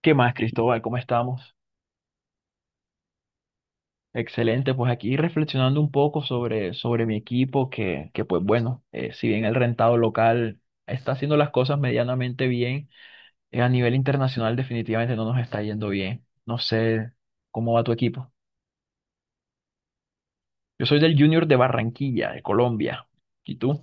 ¿Qué más, Cristóbal? ¿Cómo estamos? Excelente, pues aquí reflexionando un poco sobre mi equipo, que pues bueno, si bien el rentado local está haciendo las cosas medianamente bien, a nivel internacional definitivamente no nos está yendo bien. No sé cómo va tu equipo. Yo soy del Junior de Barranquilla, de Colombia. ¿Y tú?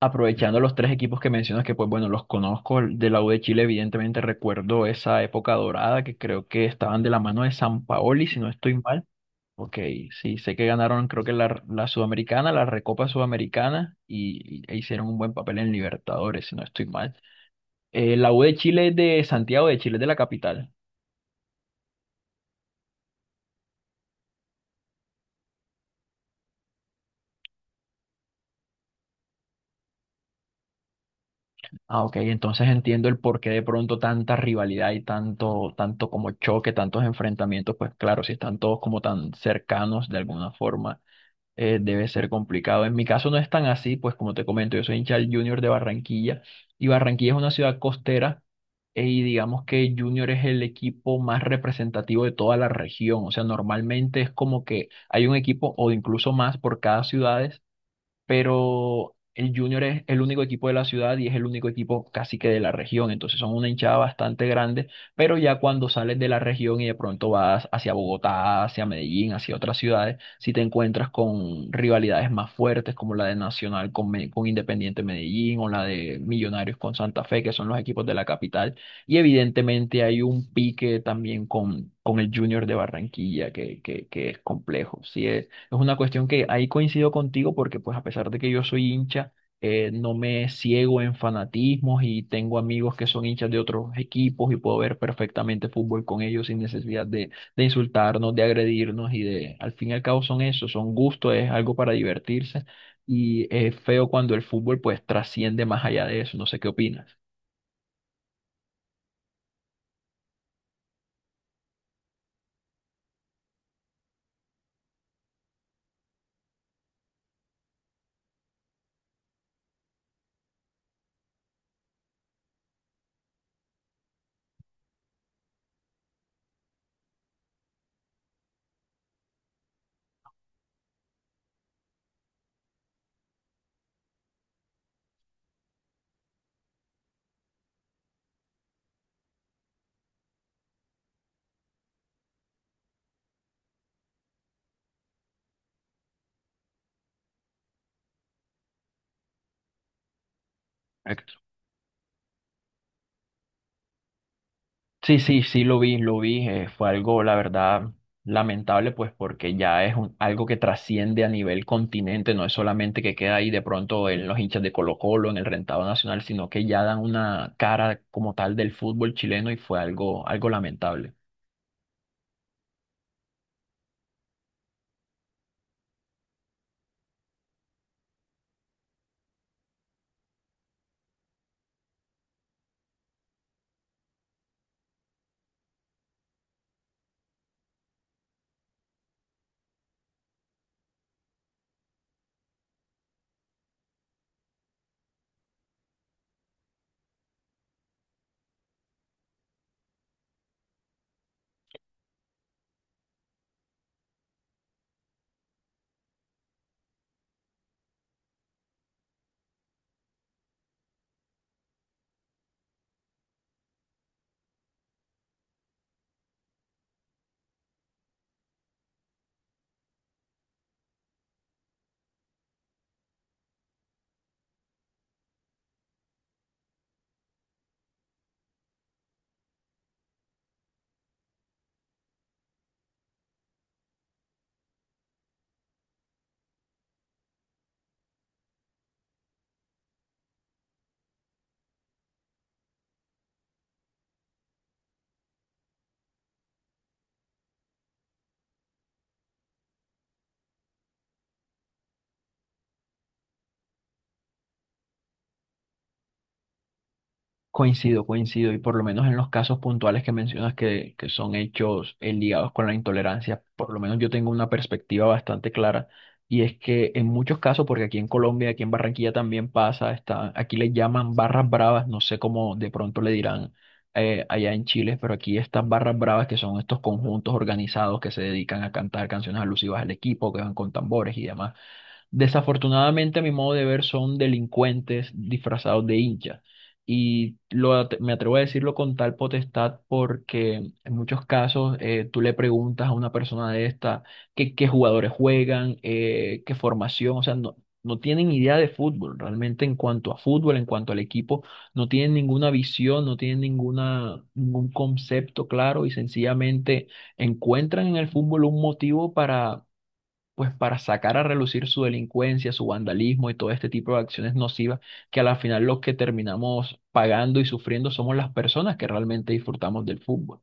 Aprovechando los tres equipos que mencionas, que pues bueno, los conozco, el de la U de Chile, evidentemente recuerdo esa época dorada que creo que estaban de la mano de San Paoli, si no estoy mal. Ok, sí, sé que ganaron creo que la Sudamericana, la Recopa Sudamericana y, e hicieron un buen papel en Libertadores, si no estoy mal. La U de Chile es de Santiago de Chile, es de la capital. Ah, ok, entonces entiendo el porqué de pronto tanta rivalidad y tanto como choque, tantos enfrentamientos, pues claro, si están todos como tan cercanos de alguna forma debe ser complicado. En mi caso no es tan así, pues como te comento, yo soy hincha del Junior de Barranquilla y Barranquilla es una ciudad costera y digamos que Junior es el equipo más representativo de toda la región. O sea, normalmente es como que hay un equipo o incluso más por cada ciudad, pero el Junior es el único equipo de la ciudad y es el único equipo casi que de la región, entonces son una hinchada bastante grande, pero ya cuando sales de la región y de pronto vas hacia Bogotá, hacia Medellín, hacia otras ciudades, si te encuentras con rivalidades más fuertes como la de Nacional con Independiente Medellín o la de Millonarios con Santa Fe, que son los equipos de la capital, y evidentemente hay un pique también con el Junior de Barranquilla que es complejo, sí, es una cuestión que ahí coincido contigo porque pues a pesar de que yo soy hincha, no me ciego en fanatismos y tengo amigos que son hinchas de otros equipos y puedo ver perfectamente fútbol con ellos sin necesidad de insultarnos, de agredirnos y de, al fin y al cabo son eso, son gustos, es algo para divertirse, y es feo cuando el fútbol pues trasciende más allá de eso, no sé qué opinas. Héctor. Sí, sí, sí, lo vi, lo vi. Fue algo, la verdad, lamentable, pues porque ya algo que trasciende a nivel continente, no es solamente que queda ahí de pronto en los hinchas de Colo-Colo, en el rentado nacional, sino que ya dan una cara como tal del fútbol chileno y fue algo, algo lamentable. Coincido, coincido, y por lo menos en los casos puntuales que mencionas que son hechos ligados con la intolerancia, por lo menos yo tengo una perspectiva bastante clara, y es que en muchos casos, porque aquí en Colombia, aquí en Barranquilla también pasa, está, aquí le llaman barras bravas, no sé cómo de pronto le dirán allá en Chile, pero aquí estas barras bravas que son estos conjuntos organizados que se dedican a cantar canciones alusivas al equipo, que van con tambores y demás. Desafortunadamente, a mi modo de ver, son delincuentes disfrazados de hinchas. Y me atrevo a decirlo con tal potestad porque en muchos casos tú le preguntas a una persona de esta qué jugadores juegan, qué formación, o sea, no, no tienen idea de fútbol realmente en cuanto a fútbol, en cuanto al equipo, no tienen ninguna visión, no tienen ninguna, ningún concepto claro y sencillamente encuentran en el fútbol un motivo para pues para sacar a relucir su delincuencia, su vandalismo y todo este tipo de acciones nocivas que a la final los que terminamos pagando y sufriendo somos las personas que realmente disfrutamos del fútbol.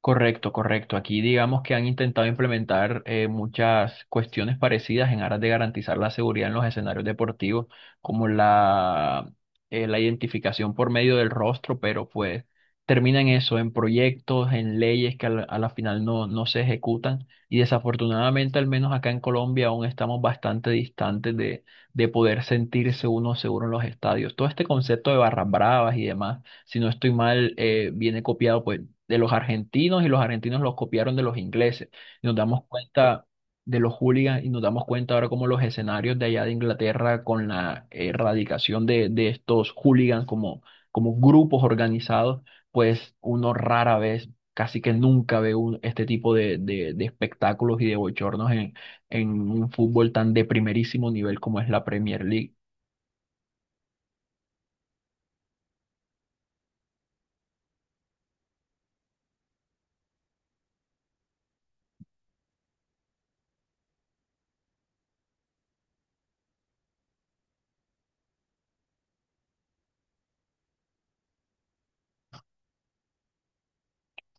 Correcto, correcto. Aquí digamos que han intentado implementar muchas cuestiones parecidas en aras de garantizar la seguridad en los escenarios deportivos, como la identificación por medio del rostro, pero pues terminan eso en proyectos, en leyes que a a la final no, no se ejecutan. Y desafortunadamente, al menos acá en Colombia, aún estamos bastante distantes de poder sentirse uno seguro en los estadios. Todo este concepto de barras bravas y demás, si no estoy mal, viene copiado pues de los argentinos y los argentinos los copiaron de los ingleses. Y nos damos cuenta de los hooligans y nos damos cuenta ahora como los escenarios de allá de Inglaterra con la erradicación de estos hooligans como, como grupos organizados, pues uno rara vez, casi que nunca este tipo de espectáculos y de bochornos en un fútbol tan de primerísimo nivel como es la Premier League.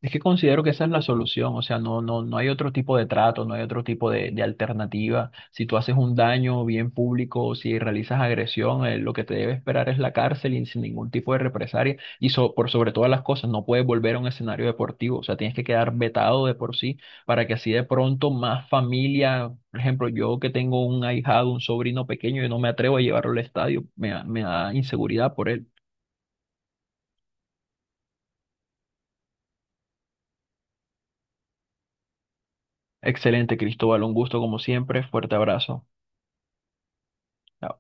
Es que considero que esa es la solución, o sea, no, no, no hay otro tipo de trato, no hay otro tipo de alternativa. Si tú haces un daño bien público, si realizas agresión, lo que te debe esperar es la cárcel y sin ningún tipo de represalia. Y por sobre todas las cosas, no puedes volver a un escenario deportivo, o sea, tienes que quedar vetado de por sí para que así de pronto más familia, por ejemplo, yo que tengo un ahijado, un sobrino pequeño, yo no me atrevo a llevarlo al estadio, me da inseguridad por él. Excelente, Cristóbal, un gusto como siempre, fuerte abrazo. Chao.